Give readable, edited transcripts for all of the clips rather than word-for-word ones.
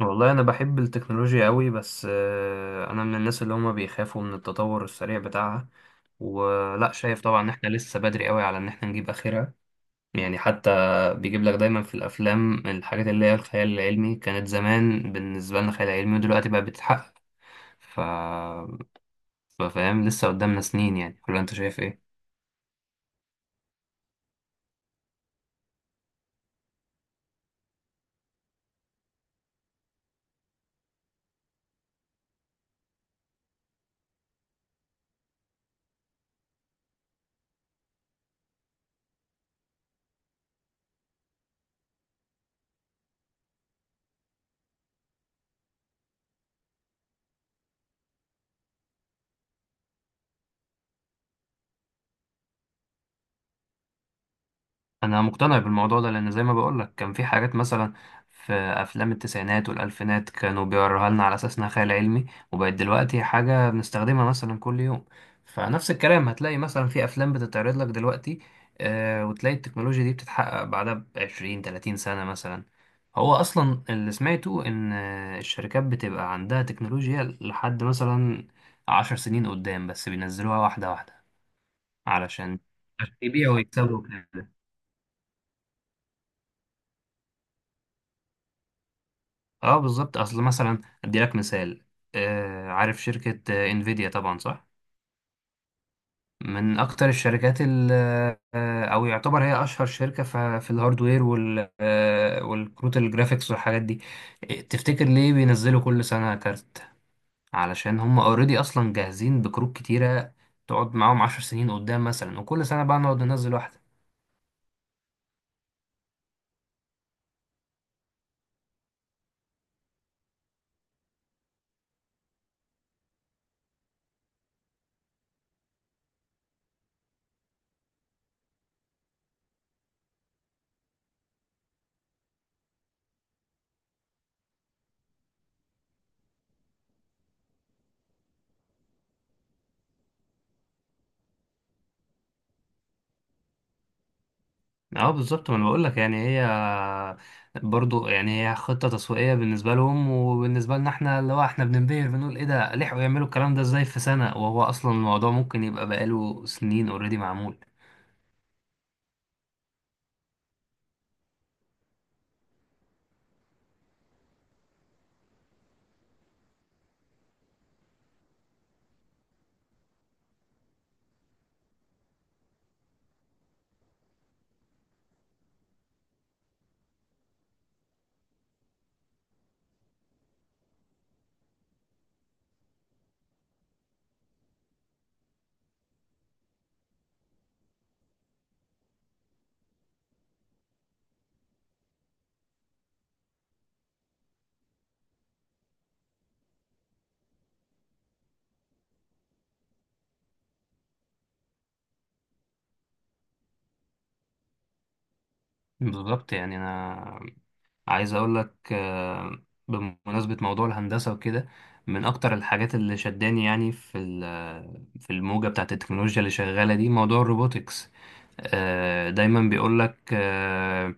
والله انا بحب التكنولوجيا قوي بس انا من الناس اللي هما بيخافوا من التطور السريع بتاعها. ولا شايف طبعا ان احنا لسه بدري قوي على ان احنا نجيب اخرها، يعني حتى بيجيب لك دايما في الافلام الحاجات اللي هي الخيال العلمي كانت زمان بالنسبه لنا خيال علمي ودلوقتي بقى بتتحقق. ف فاهم؟ لسه قدامنا سنين يعني، ولا انت شايف ايه؟ انا مقتنع بالموضوع ده لان زي ما بقولك كان في حاجات مثلا في افلام التسعينات والالفينات كانوا بيوروها لنا على اساس انها خيال علمي، وبقت دلوقتي حاجه بنستخدمها مثلا كل يوم. فنفس الكلام هتلاقي مثلا في افلام بتتعرض لك دلوقتي وتلاقي التكنولوجيا دي بتتحقق بعدها ب 20 30 سنه مثلا. هو اصلا اللي سمعته ان الشركات بتبقى عندها تكنولوجيا لحد مثلا 10 سنين قدام، بس بينزلوها واحده واحده علشان يبيعوا ويكسبوا. اه، بالظبط. اصل مثلا ادي لك مثال. عارف شركة انفيديا؟ طبعا صح. من اكتر الشركات او يعتبر هي اشهر شركة في الهاردوير والكروت الجرافيكس والحاجات دي. تفتكر ليه بينزلوا كل سنة كارت؟ علشان هم اوريدي اصلا جاهزين بكروت كتيرة تقعد معاهم 10 سنين قدام مثلا، وكل سنة بقى نقعد ننزل واحدة. اه، بالظبط. ما انا بقول لك، يعني هي برضو يعني هي خطه تسويقيه بالنسبه لهم، وبالنبسه لنا احنا اللي هو احنا بننبهر بنقول ايه ده، لحقوا يعملوا الكلام ده ازاي في سنه، وهو اصلا الموضوع ممكن يبقى بقاله سنين اوريدي معمول. بالظبط. يعني انا عايز اقول لك، بمناسبة موضوع الهندسة وكده، من اكتر الحاجات اللي شداني يعني في الموجة بتاعت التكنولوجيا اللي شغالة دي موضوع الروبوتكس. دايما بيقول لك، آه،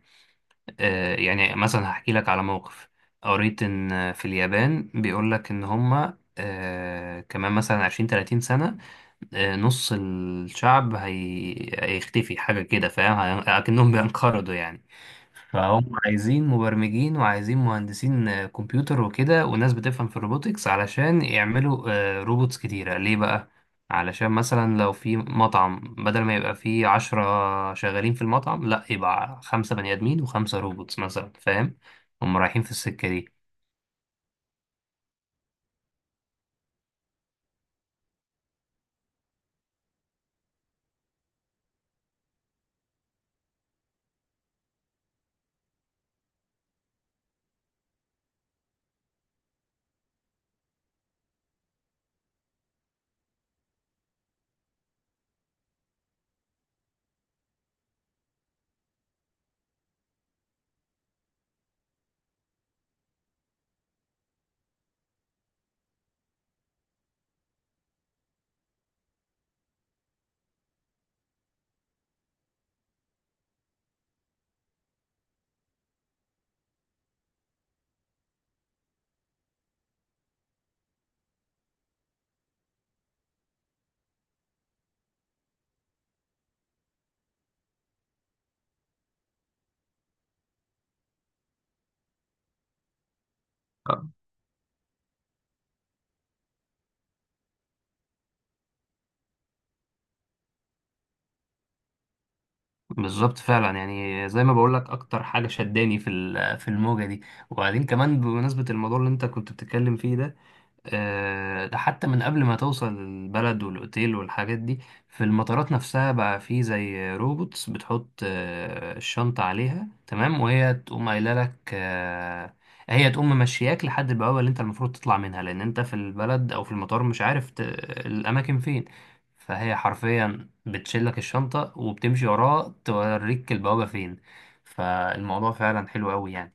آه، يعني مثلا هحكي لك على موقف. قريت ان في اليابان بيقول لك ان هما كمان مثلا 20 30 سنة نص الشعب هيختفي. حاجة كده فاهم أكنهم بينقرضوا يعني. فهم عايزين مبرمجين وعايزين مهندسين كمبيوتر وكده، وناس بتفهم في الروبوتكس علشان يعملوا روبوتس كتيرة. ليه بقى؟ علشان مثلا لو في مطعم بدل ما يبقى فيه 10 شغالين في المطعم، لا يبقى خمسة بني آدمين وخمسة روبوتس مثلا، فاهم؟ هم رايحين في السكة دي آه. بالظبط فعلا، يعني زي ما بقول لك اكتر حاجه شداني في الموجه دي. وبعدين كمان بمناسبه الموضوع اللي انت كنت بتتكلم فيه ده، ده حتى من قبل ما توصل البلد والأوتيل والحاجات دي، في المطارات نفسها بقى في زي روبوتس بتحط الشنطة عليها تمام، وهي تقوم قايلة لك هي تقوم ممشياك لحد البوابة اللي انت المفروض تطلع منها، لأن انت في البلد أو في المطار مش عارف الأماكن فين. فهي حرفيا بتشيلك الشنطة وبتمشي وراها توريك البوابة فين. فالموضوع فعلا حلو أوي يعني.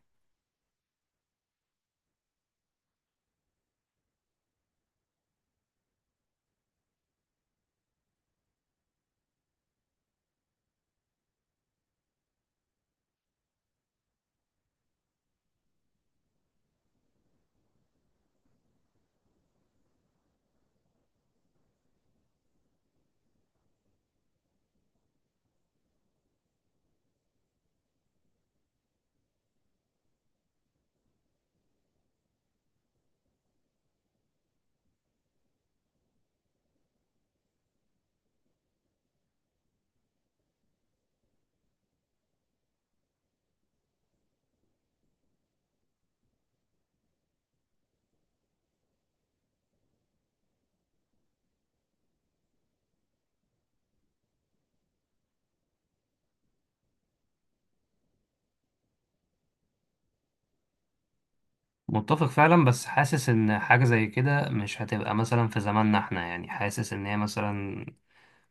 متفق فعلا، بس حاسس ان حاجة زي كده مش هتبقى مثلا في زماننا احنا، يعني حاسس ان هي مثلا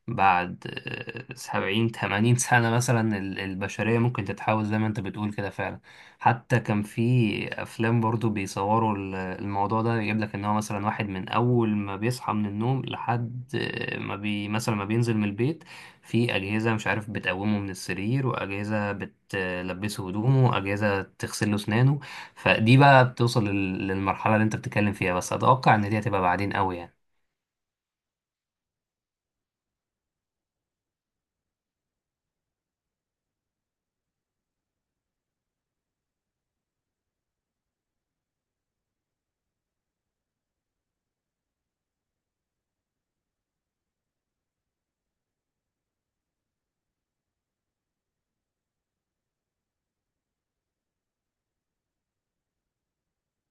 بعد 70 80 سنة مثلا البشرية ممكن تتحول زي ما انت بتقول كده فعلا. حتى كان في أفلام برضو بيصوروا الموضوع ده، يجيب لك إن هو مثلا واحد من أول ما بيصحى من النوم لحد ما بي مثلا ما بينزل من البيت في أجهزة مش عارف بتقومه من السرير، وأجهزة بتلبسه هدومه، وأجهزة تغسل له أسنانه. فدي بقى بتوصل للمرحلة اللي انت بتتكلم فيها، بس أتوقع إن دي هتبقى بعدين قوي يعني.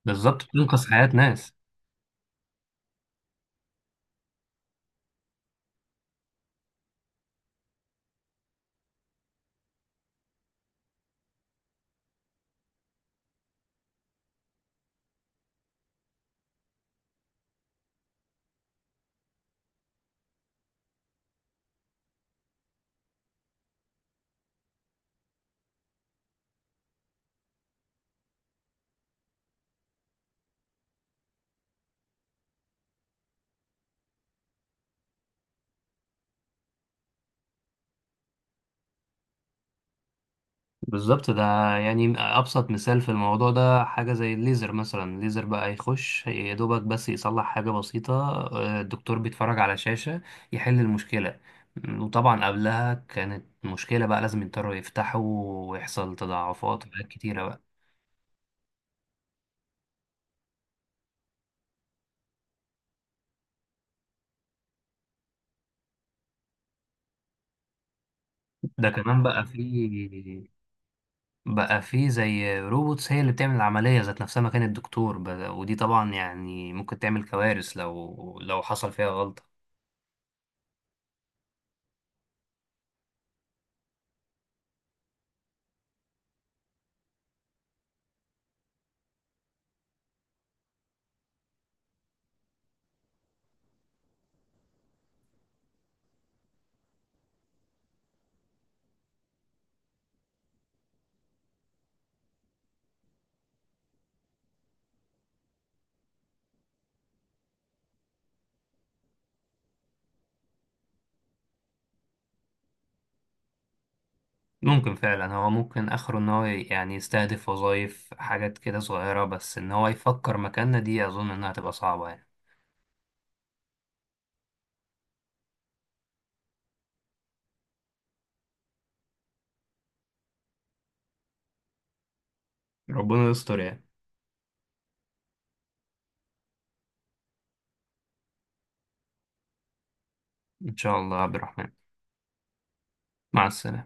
بالظبط، بتنقذ حياة ناس. بالظبط. ده يعني أبسط مثال في الموضوع ده حاجة زي الليزر. مثلا الليزر بقى يخش يا دوبك بس يصلح حاجة بسيطة. الدكتور بيتفرج على شاشة يحل المشكلة. وطبعا قبلها كانت مشكلة بقى لازم يضطروا يفتحوا، ويحصل تضاعفات وحاجات كتيرة بقى. ده كمان بقى في. بقى في زي روبوتس هي اللي بتعمل العملية ذات نفسها مكان الدكتور بقى. ودي طبعا يعني ممكن تعمل كوارث لو حصل فيها غلطة. ممكن فعلا، هو ممكن اخره ان هو يعني يستهدف وظائف حاجات كده صغيرة، بس ان هو يفكر مكاننا دي اظن انها تبقى صعبة يعني. ربنا يستر يعني. ان شاء الله يا عبد الرحمن. مع السلامة.